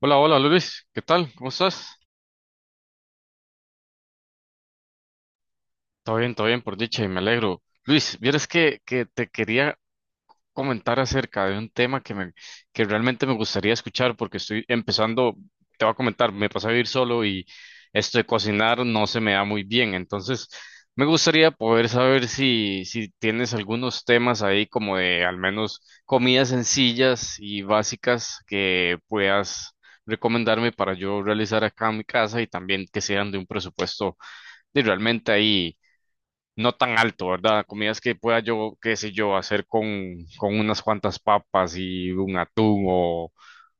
Hola, hola Luis, ¿qué tal? ¿Cómo estás? Todo bien, por dicha, y me alegro. Luis, vieras que te quería comentar acerca de un tema que que realmente me gustaría escuchar porque estoy empezando, te voy a comentar, me pasé a vivir solo y esto de cocinar no se me da muy bien, entonces me gustaría poder saber si tienes algunos temas ahí como de al menos comidas sencillas y básicas que puedas recomendarme para yo realizar acá en mi casa y también que sean de un presupuesto y realmente ahí no tan alto, ¿verdad? Comidas que pueda yo, qué sé yo, hacer con unas cuantas papas y un atún o,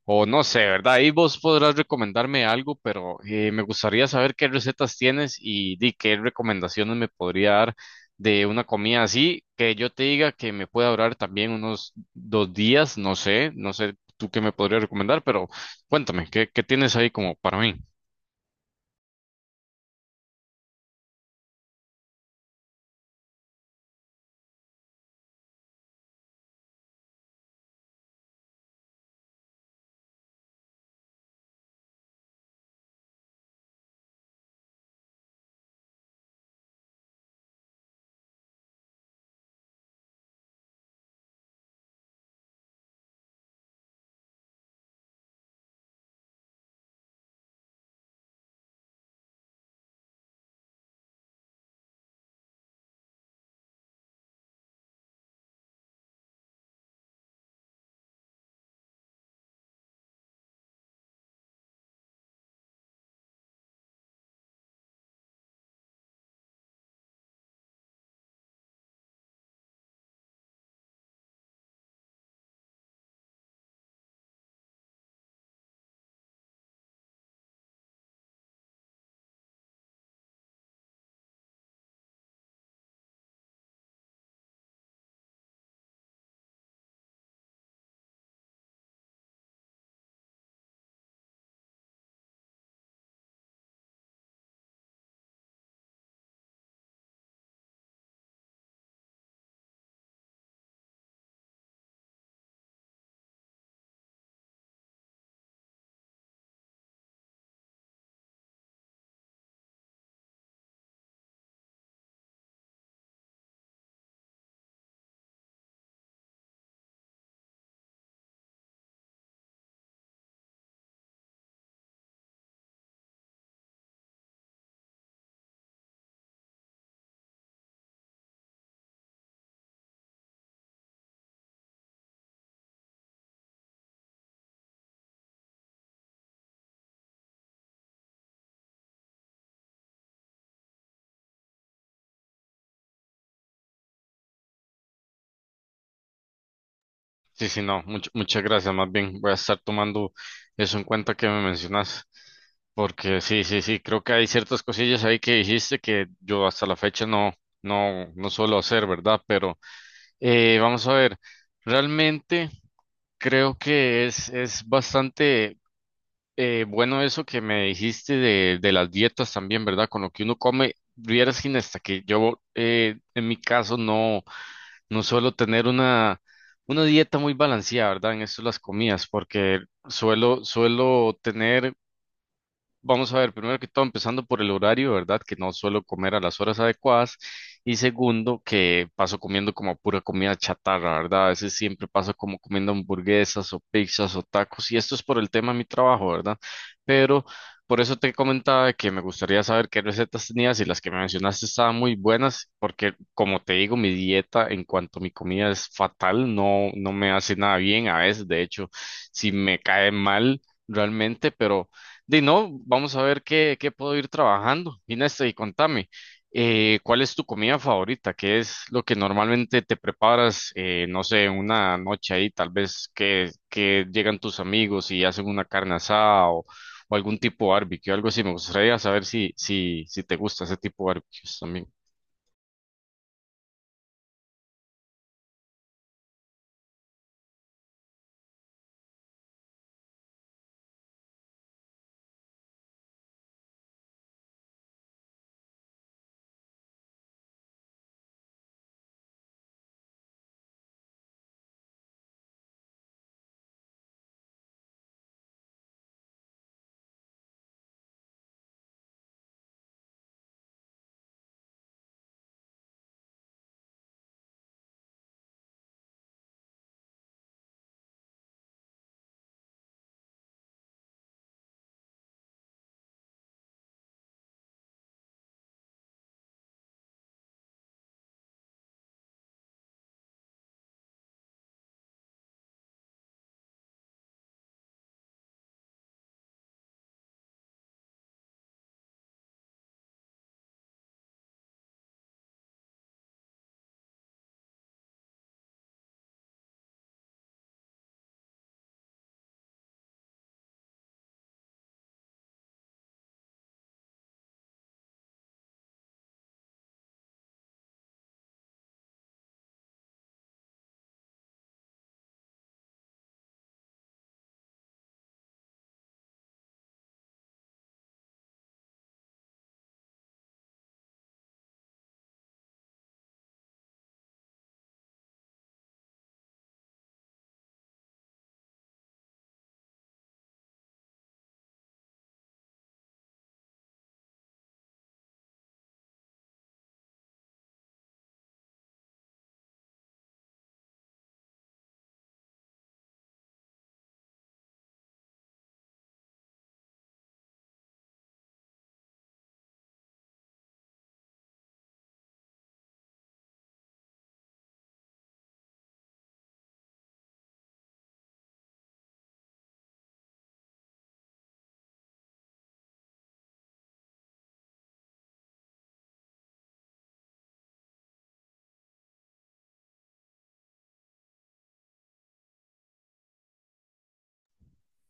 o no sé, ¿verdad? Ahí vos podrás recomendarme algo, pero me gustaría saber qué recetas tienes y, di qué recomendaciones me podría dar de una comida así, que yo te diga que me pueda durar también unos dos días, no sé, no sé tú qué me podrías recomendar, pero cuéntame, qué tienes ahí como para mí? Sí, sí, no, muchas gracias. Más bien voy a estar tomando eso en cuenta que me mencionas, porque sí, sí, sí, creo que hay ciertas cosillas ahí que dijiste que yo hasta la fecha no suelo hacer, ¿verdad? Pero vamos a ver, realmente creo que es bastante. Bueno, eso que me dijiste de las dietas también, ¿verdad? Con lo que uno come, vieras, Gina, hasta que yo en mi caso no suelo tener una dieta muy balanceada, ¿verdad? En esto de las comidas, porque suelo tener. Vamos a ver, primero que todo, empezando por el horario, ¿verdad? Que no suelo comer a las horas adecuadas. Y segundo, que paso comiendo como pura comida chatarra, ¿verdad? A veces siempre paso como comiendo hamburguesas o pizzas o tacos. Y esto es por el tema de mi trabajo, ¿verdad? Pero por eso te comentaba de que me gustaría saber qué recetas tenías y las que me mencionaste estaban muy buenas, porque como te digo, mi dieta en cuanto a mi comida es fatal, no, no me hace nada bien. A veces, de hecho, si me cae mal realmente, pero... De no, vamos a ver qué puedo ir trabajando. Inés, y contame, ¿cuál es tu comida favorita? ¿Qué es lo que normalmente te preparas, no sé, una noche ahí, tal vez que llegan tus amigos y hacen una carne asada o algún tipo de barbecue, algo así? Me gustaría saber si te gusta ese tipo de barbecues también.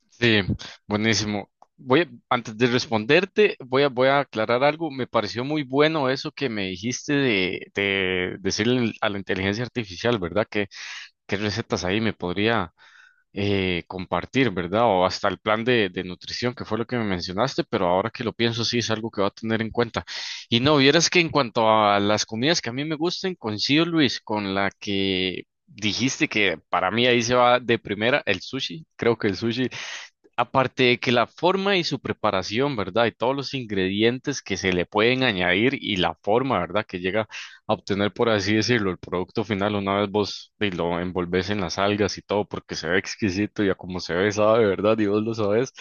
Sí, buenísimo. Voy a- Antes de responderte, voy a aclarar algo. Me pareció muy bueno eso que me dijiste de decirle a la inteligencia artificial, ¿verdad? Qué recetas ahí me podría compartir? ¿Verdad? O hasta el plan de nutrición, que fue lo que me mencionaste, pero ahora que lo pienso, sí es algo que va a tener en cuenta. Y no, vieras que en cuanto a las comidas que a mí me gusten, coincido, Luis, con la que dijiste que para mí ahí se va de primera el sushi. Creo que el sushi, aparte de que la forma y su preparación, ¿verdad? Y todos los ingredientes que se le pueden añadir y la forma, ¿verdad? Que llega a obtener, por así decirlo, el producto final una vez vos y lo envolves en las algas y todo, porque se ve exquisito y a como se ve, sabe, ¿verdad? Y vos lo sabes.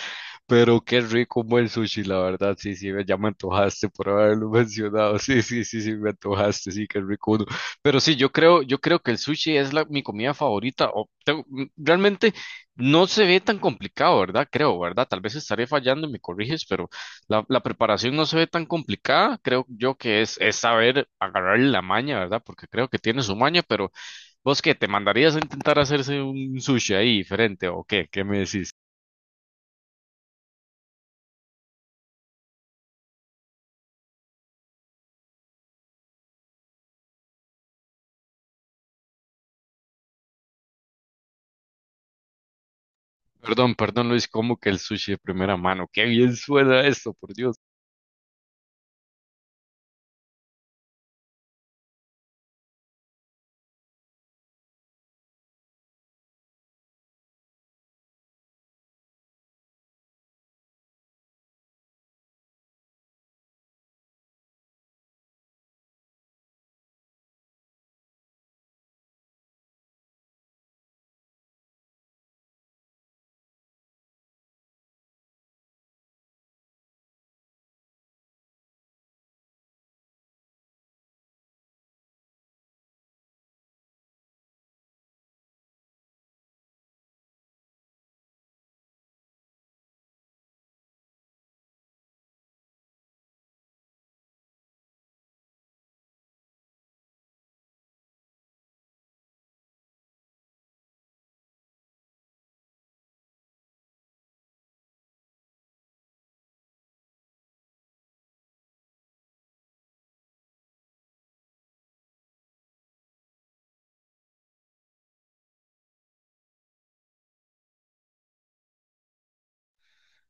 Pero qué rico un buen sushi, la verdad, sí, sí, ya me antojaste por haberlo mencionado, sí, sí, sí, sí, me antojaste, sí, qué rico uno. Pero sí, yo creo que el sushi es mi comida favorita, o tengo- mm, realmente no se ve tan complicado, ¿verdad? Creo, ¿verdad? Tal vez estaré fallando y me corriges, pero la preparación no se ve tan complicada, creo yo que es saber agarrar la maña, ¿verdad? Porque creo que tiene su maña, pero ¿vos qué, te mandarías a intentar hacerse un sushi ahí diferente o qué? ¿Qué me decís? Perdón, perdón Luis, ¿cómo que el sushi de primera mano? Qué bien suena esto, por Dios.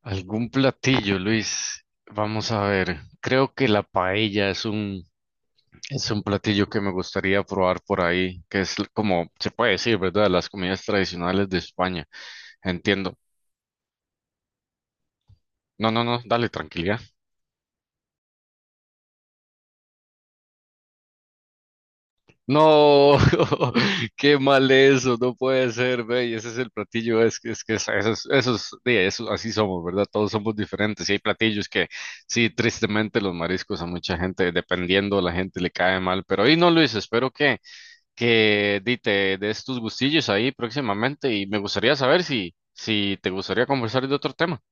¿Algún platillo, Luis? Vamos a ver. Creo que la paella es es un platillo que me gustaría probar por ahí, que es como se puede decir, ¿verdad? Las comidas tradicionales de España. Entiendo. No, no, no, dale, tranquilidad. No, qué mal eso, no puede ser, ve, y ese es el platillo, es que eso sí, eso- así somos, ¿verdad? Todos somos diferentes, y hay platillos que sí, tristemente los mariscos a mucha gente, dependiendo, la gente le cae mal, pero ahí no, Luis, espero que di, te des tus gustillos ahí próximamente, y me gustaría saber si te gustaría conversar de otro tema.